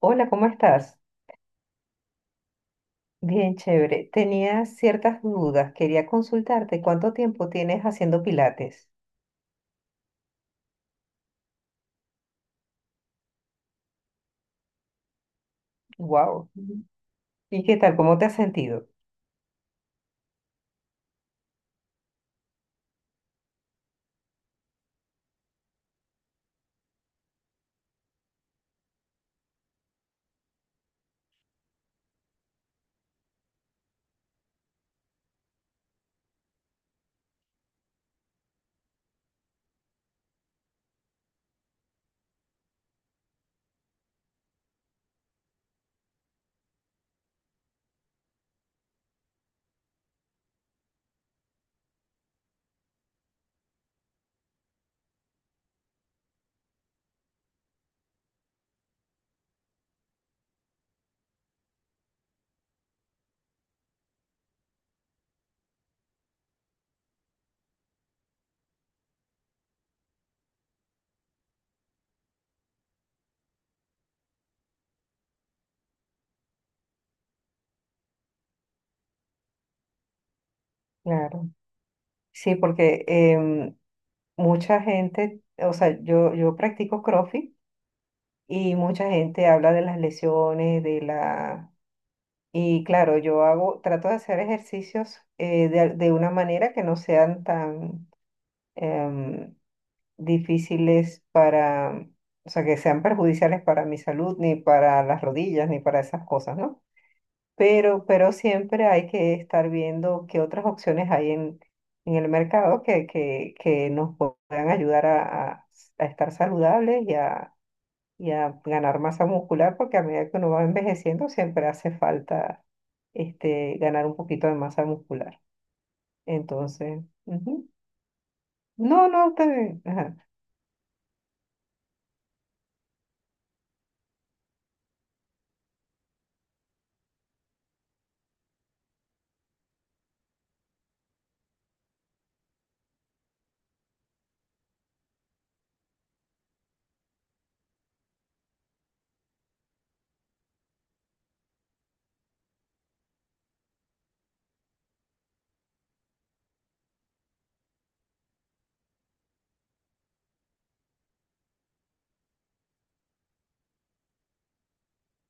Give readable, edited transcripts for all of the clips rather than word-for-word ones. Hola, ¿cómo estás? Bien, chévere. Tenía ciertas dudas. Quería consultarte cuánto tiempo tienes haciendo pilates. Wow. ¿Y qué tal? ¿Cómo te has sentido? Claro. Sí, porque mucha gente, o sea, yo practico CrossFit y mucha gente habla de las lesiones, de la... Y claro, yo hago, trato de hacer ejercicios de una manera que no sean tan... em, difíciles para, o sea, que sean perjudiciales para mi salud, ni para las rodillas, ni para esas cosas, ¿no? Pero siempre hay que estar viendo qué otras opciones hay en el mercado que nos puedan ayudar a estar saludables y a ganar masa muscular, porque a medida que uno va envejeciendo siempre hace falta este, ganar un poquito de masa muscular. Entonces, ujú. No, no, está bien. Ajá,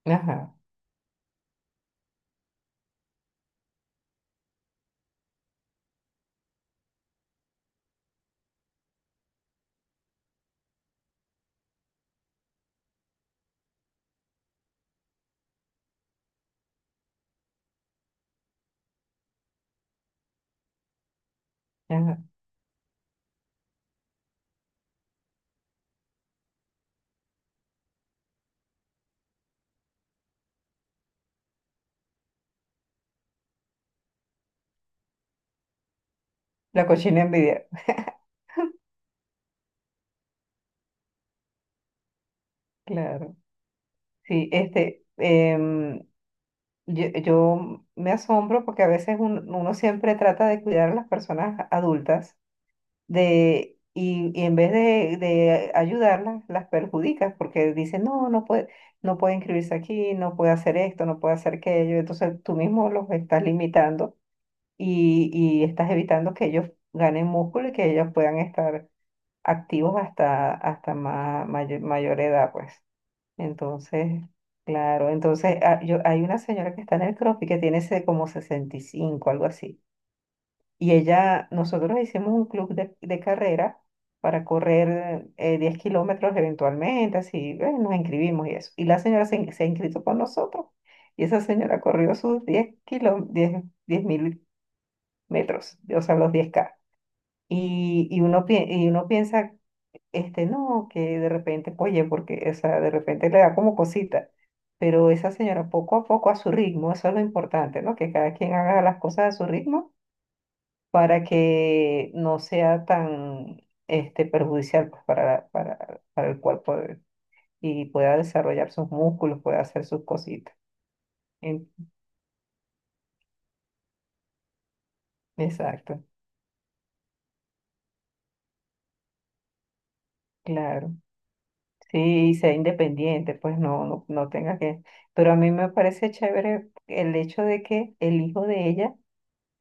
ajá, ajá. La cochina envidia, claro. Sí, este, yo me asombro porque a veces un- uno siempre trata de cuidar a las personas adultas de, y en vez de ayudarlas, las perjudicas porque dicen, no, no puede, no puede inscribirse aquí, no puede hacer esto, no puede hacer aquello. Entonces tú mismo los estás limitando y estás evitando que ellos ganen músculo y que ellos puedan estar activos hasta, hasta ma- mayor edad, pues. Entonces, claro, entonces ah, yo, hay una señora que está en el CrossFit que tiene ese como 65 algo así. Y ella, nosotros hicimos un club de carrera para correr 10 kilómetros eventualmente, así, nos inscribimos y eso. Y la señora se, in- se ha inscrito con nosotros y esa señora corrió sus 10 kilo, 10.000 metros, o sea, los 10K. Y, uno, pi- y uno piensa este, no, que de repente, oye, porque, o sea, de repente le da como cosita, pero esa señora poco a poco a su ritmo, eso es lo importante, ¿no? Que cada quien haga las cosas a su ritmo para que no sea tan, este, perjudicial pues, para el cuerpo de- y pueda desarrollar sus músculos, pueda hacer sus cositas. En- exacto, claro. Sí, y sea independiente, pues no, no, no tenga que... Pero a mí me parece chévere el hecho de que el hijo de ella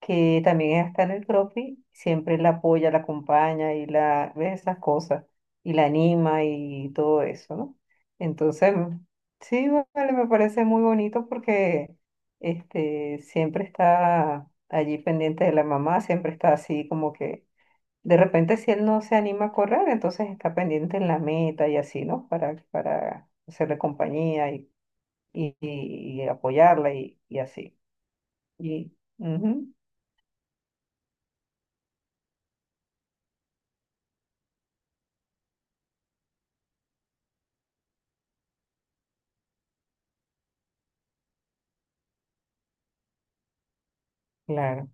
que también está en el CrossFit, siempre la apoya, la acompaña y la ve esas cosas y la anima y todo eso, ¿no? Entonces, sí, vale, me parece muy bonito porque este siempre está allí pendiente de la mamá, siempre está así como que de repente si él no se anima a correr, entonces está pendiente en la meta y así, ¿no? Para hacerle compañía y apoyarla y así. Y ujú, claro.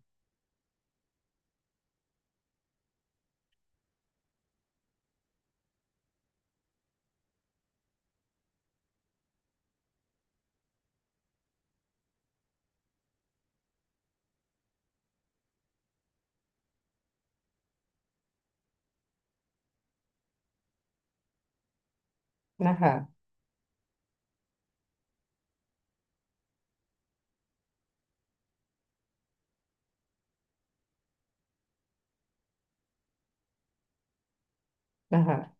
Ajá. Ajá,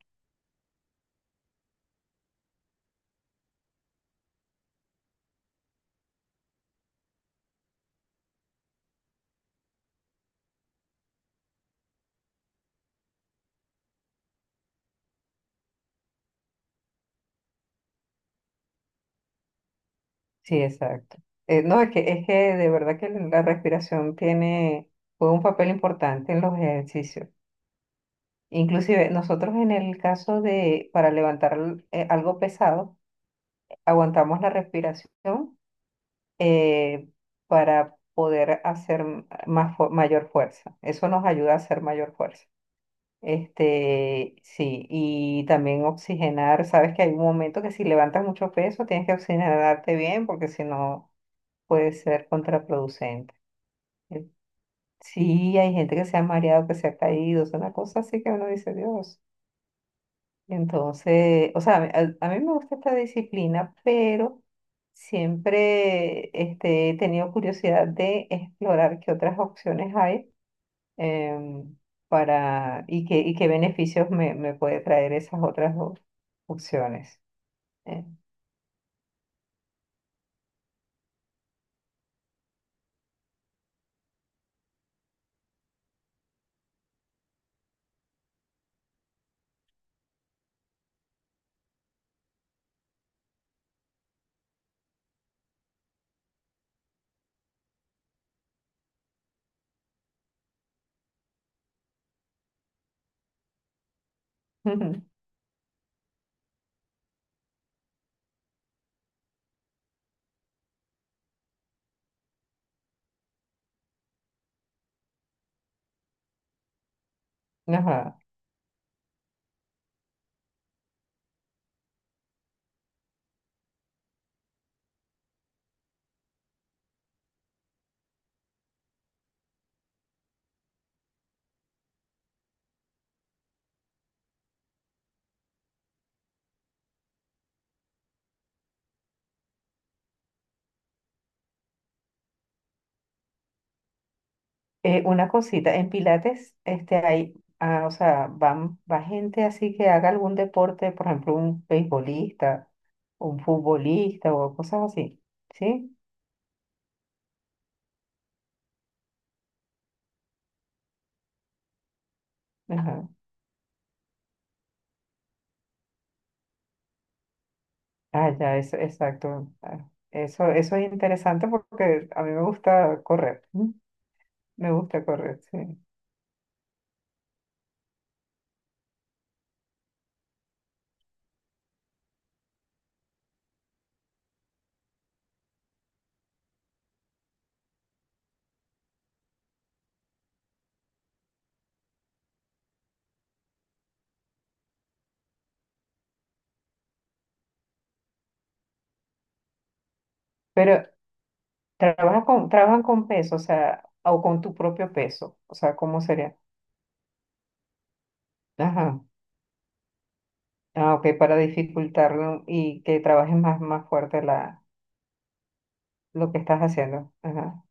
sí, exacto. No, es que de verdad que la respiración tiene, juega un papel importante en los ejercicios. Inclusive nosotros en el caso de, para levantar algo pesado, aguantamos la respiración eh, para poder hacer m- más, fu- mayor fuerza. Eso nos ayuda a hacer mayor fuerza. Este, sí, y también oxigenar. Sabes que hay un momento que si levantas mucho peso, tienes que oxigenarte bien porque si no... puede ser contraproducente. Eh, Sí, hay gente que se ha mareado, que se ha caído, es una cosa así que uno dice, Dios. Entonces, o sea, a mí me gusta esta disciplina, pero siempre este, he tenido curiosidad de explorar qué otras opciones hay em, para, y qué beneficios me, me puede traer esas otras op- opciones. Eh. Ajá. Una cosita, en Pilates, este, hay, ah, o sea, van, va gente así que haga algún deporte, por ejemplo, un beisbolista, un futbolista o cosas así, ¿sí? Ajá. Ah, ya, eso, exacto. Ah, eso es interesante porque a mí me gusta correr, ¿m? Me gusta correr, sí. Pero trabaja con, trabajan con peso, o sea, o con tu propio peso, o sea, ¿cómo sería? Ajá. Ah, ok, para dificultarlo y que trabajes más, más fuerte la lo que estás haciendo. Ajá.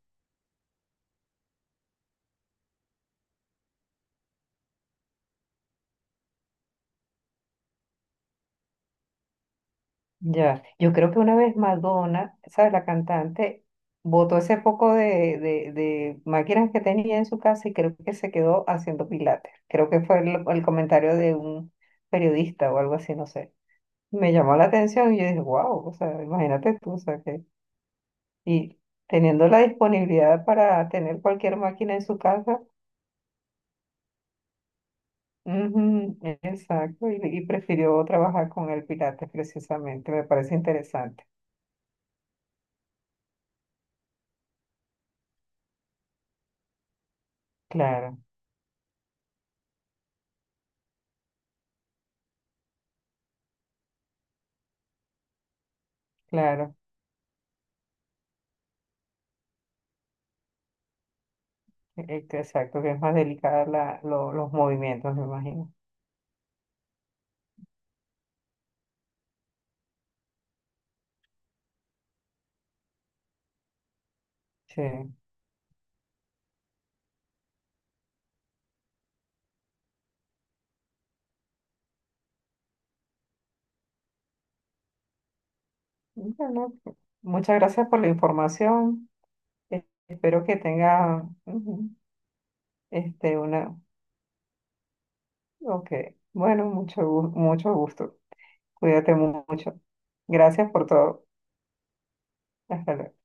Ya. Yo creo que una vez Madonna, ¿sabes? La cantante botó ese poco de máquinas que tenía en su casa y creo que se quedó haciendo pilates. Creo que fue el comentario de un periodista o algo así, no sé. Me llamó la atención y yo dije, wow, o sea, imagínate tú, o sea, que... Y teniendo la disponibilidad para tener cualquier máquina en su casa, ujú, exacto, y prefirió trabajar con el pilates precisamente, me parece interesante. Claro. Claro, e- e- exacto, que es más delicada la, lo- los movimientos, me imagino. Sí. Bueno, muchas gracias por la información. E- Espero que tenga ujú, este una. Ok. Bueno, mucho, gu- mucho gusto. Cuídate mu- mucho. Gracias por todo. Hasta luego.